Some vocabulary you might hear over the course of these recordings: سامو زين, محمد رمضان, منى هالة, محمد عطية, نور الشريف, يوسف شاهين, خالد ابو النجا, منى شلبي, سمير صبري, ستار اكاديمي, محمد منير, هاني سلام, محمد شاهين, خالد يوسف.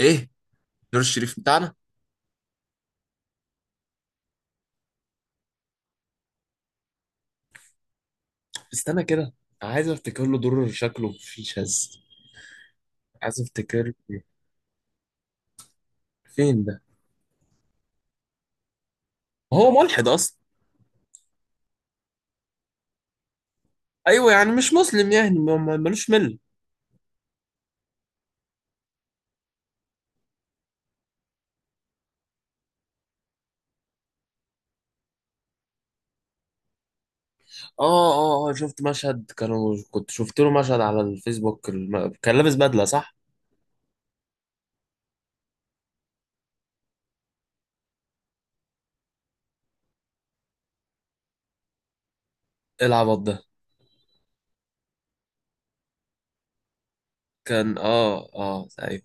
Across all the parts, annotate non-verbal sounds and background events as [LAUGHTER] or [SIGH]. ايه، نور الشريف بتاعنا؟ استنى كده، عايز افتكر له دور شكله في شاذ. عايز افتكر له. فين ده؟ هو ملحد اصلا؟ ايوه يعني مش مسلم، يعني ملوش مل. اه شفت مشهد، كنت شفت له مشهد على الفيسبوك كان لابس بدله، صح؟ إيه العبط ده؟ كان ايوه.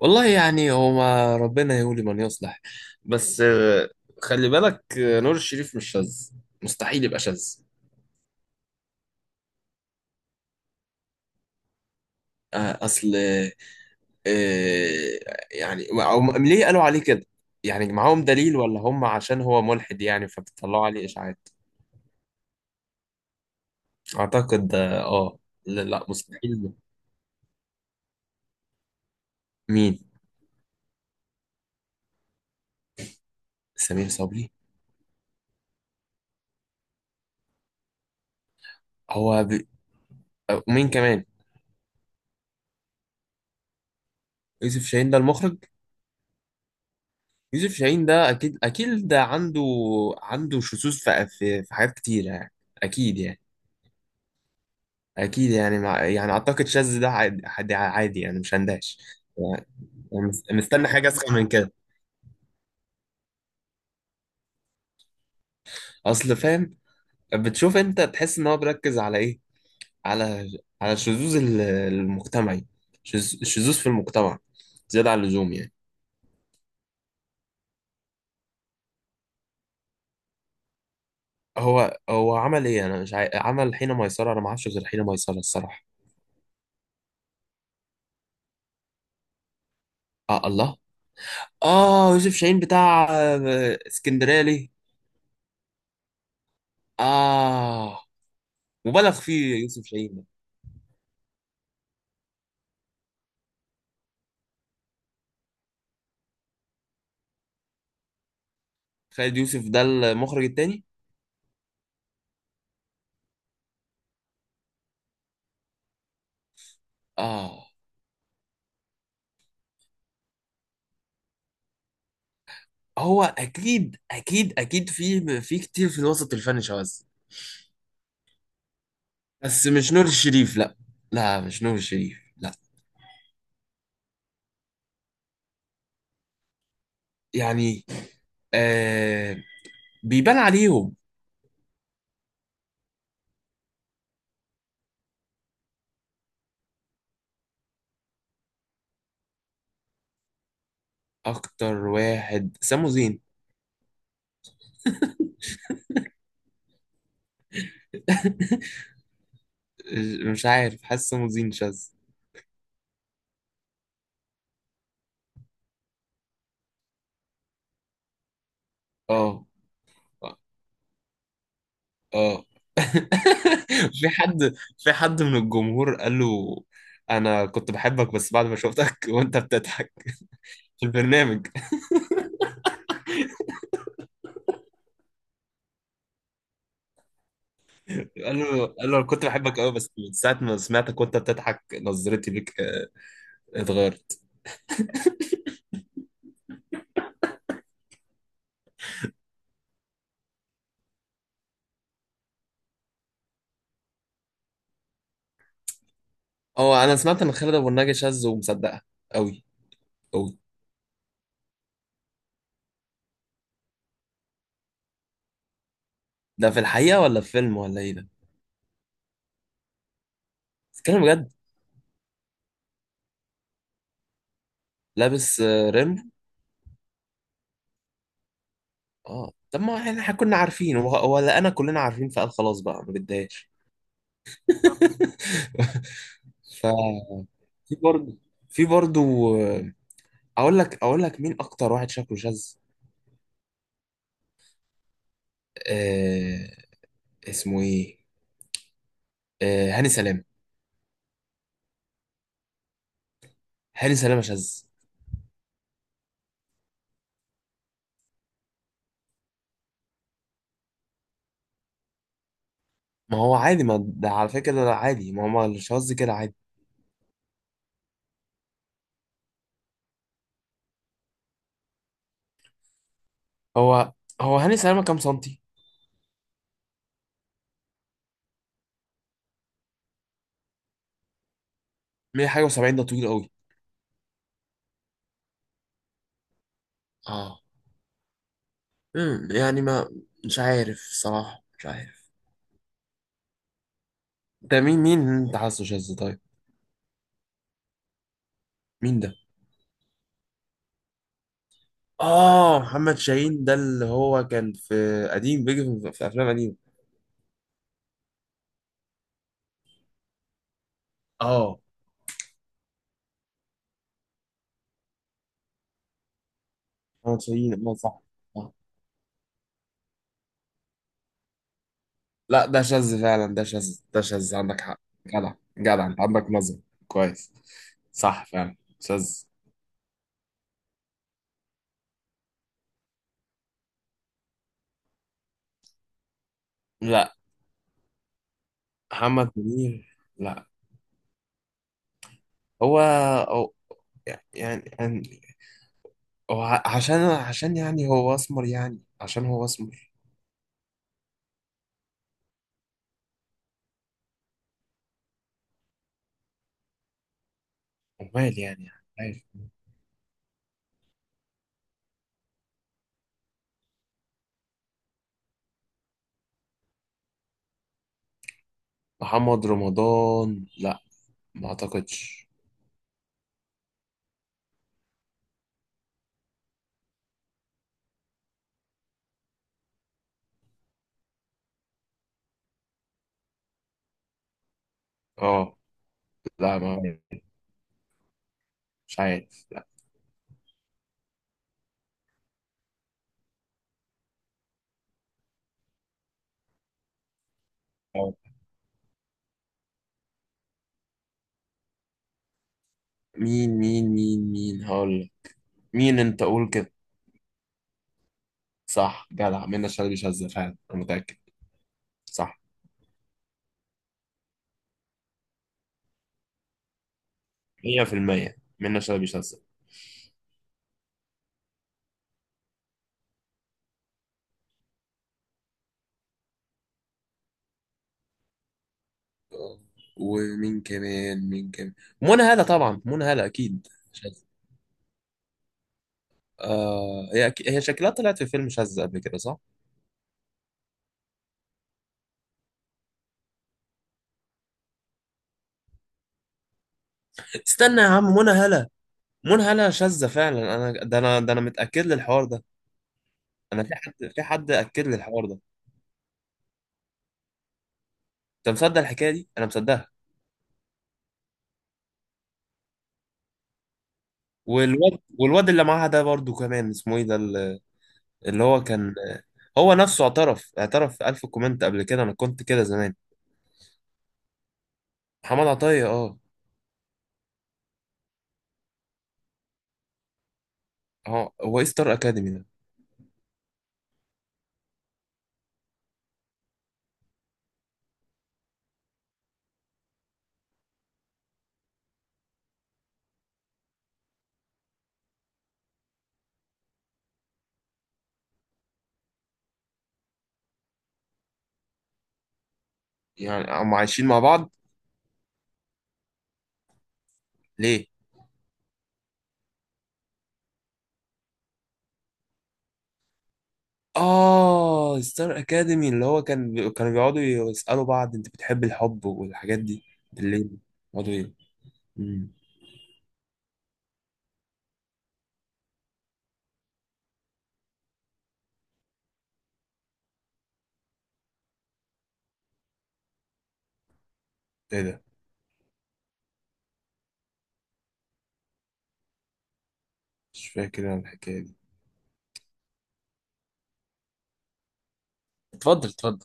والله يعني هو، ما ربنا يولي من يصلح. بس خلي بالك، نور الشريف مش شاذ. مستحيل يبقى شاذ. اصل، آه، يعني ليه قالوا عليه كده؟ يعني معاهم دليل، ولا هم عشان هو ملحد يعني فبيطلعوا عليه إشاعات؟ أعتقد اه آه. لا لا، مستحيل ده. مين؟ سمير صبري. هو ب... ومين كمان؟ يوسف شاهين ده المخرج. يوسف شاهين ده أكيد أكيد ده عنده، عنده شذوذ في حاجات كتيرة يعني. أكيد يعني. أكيد يعني أعتقد شاذ ده عادي عادي عادي يعني، مش هندهش يعني. مستني حاجة أسخن من كده. أصل فاهم. بتشوف انت تحس ان هو بيركز على ايه؟ على، على الشذوذ المجتمعي. الشذوذ في المجتمع زيادة عن اللزوم يعني. هو عمل ايه؟ انا مش عاي... عمل حين ميسرة. انا ما اعرفش غير حين ميسرة الصراحة. اه الله، اه يوسف شاهين بتاع اسكندرية ليه؟ اه، مبالغ فيه يوسف شاهين ده. خالد يوسف ده المخرج التاني؟ اه. هو اكيد اكيد اكيد في، في كتير في الوسط الفني شواذ، بس مش نور الشريف، لا. لا، مش نور الشريف، لا. يعني آه بيبان عليهم. اكتر واحد سامو زين. [LAUGHS] مش عارف، حاسس سامو زين شاذ. اه اه. [LAUGHS] في حد، في حد من الجمهور قال له: انا كنت بحبك، بس بعد ما شفتك [LAUGHS] وانت بتضحك في البرنامج. [LAUGHS] قال له، قال له: أنا كنت بحبك قوي، بس من ساعه ما سمعتك وانت بتضحك نظرتي ليك اتغيرت. اه، انا سمعت ان خالد ابو النجا شاذ، ومصدقها قوي. قوي. ده في الحقيقه ولا في فيلم ولا ايه ده؟ بتتكلم بجد؟ لابس ريمبو؟ اه، طب ما احنا، إحنا كنا عارفين ولا انا، كلنا عارفين، فقال خلاص بقى ما بدهاش. [LAUGHS] ف، في برضه، في برضه، اقول لك، اقول لك مين اكتر واحد شكله شاذ. آه، اسمه ايه؟ آه، هاني سلام. هاني سلام شاذ؟ ما هو عادي. ما ده على فكره ده عادي. ما هو الشاذ كده عادي. هو هو هاني سلامه كام سنتي؟ 100 حاجه و70 ده طويل قوي. اه. امم، يعني ما، مش عارف صراحه، مش عارف. ده مين، مين اللي انت حاسه شاذ طيب؟ مين ده؟ اه، محمد شاهين ده اللي هو كان في، قديم، بيجي في، في افلام قديمه. اه، محمد شاهين، اه صح. آه. لا ده شاذ فعلا. ده شاذ، ده شاذ، عندك حق. جدع، جدع، انت عندك نظر. كويس. صح فعلا شاذ. لا محمد منير، لا. هو هو- يعني، يعني هو عشان، عشان يعني هو اسمر؟ يعني عشان هو اسمر؟ امال يعني؟ عارف. محمد رمضان؟ لا، ما اعتقدش. اه، لا، ما طيب، مش عارف، لا. آه، مين مين مين مين هقول لك. مين انت، قول كده. صح، جدع، منى شلبي شاذة فعلا، انا متأكد. صح. 100% منى شلبي شاذة. ومين كمان، مين كمان؟ منى هالة طبعا، منى هالة اكيد شاذة. آه هي أكيد. هي شكلها طلعت في فيلم شاذة قبل كده، صح؟ استنى يا عم، منى هالة، منى هالة شاذة فعلا. انا ده، انا ده، انا متأكد للحوار ده. انا، في حد، في حد اكد لي الحوار ده. انت مصدق الحكاية دي؟ انا مصدقها. والواد، والواد اللي معاها ده برضو كمان اسمه ايه ده؟ اللي هو كان، هو نفسه اعترف، اعترف في ألف كومنت قبل كده: انا كنت كده زمان. محمد عطية؟ اه. اه، هو ايه ستار اكاديمي ده؟ يعني هم عايشين مع بعض؟ ليه؟ اه، ستار اكاديمي اللي هو كان كانوا بيقعدوا يسألوا بعض: انت بتحب الحب والحاجات دي؟ بالليل بيقعدوا ايه؟ مم. ايه ده؟ مش فاكر انا الحكاية دي. اتفضل، اتفضل.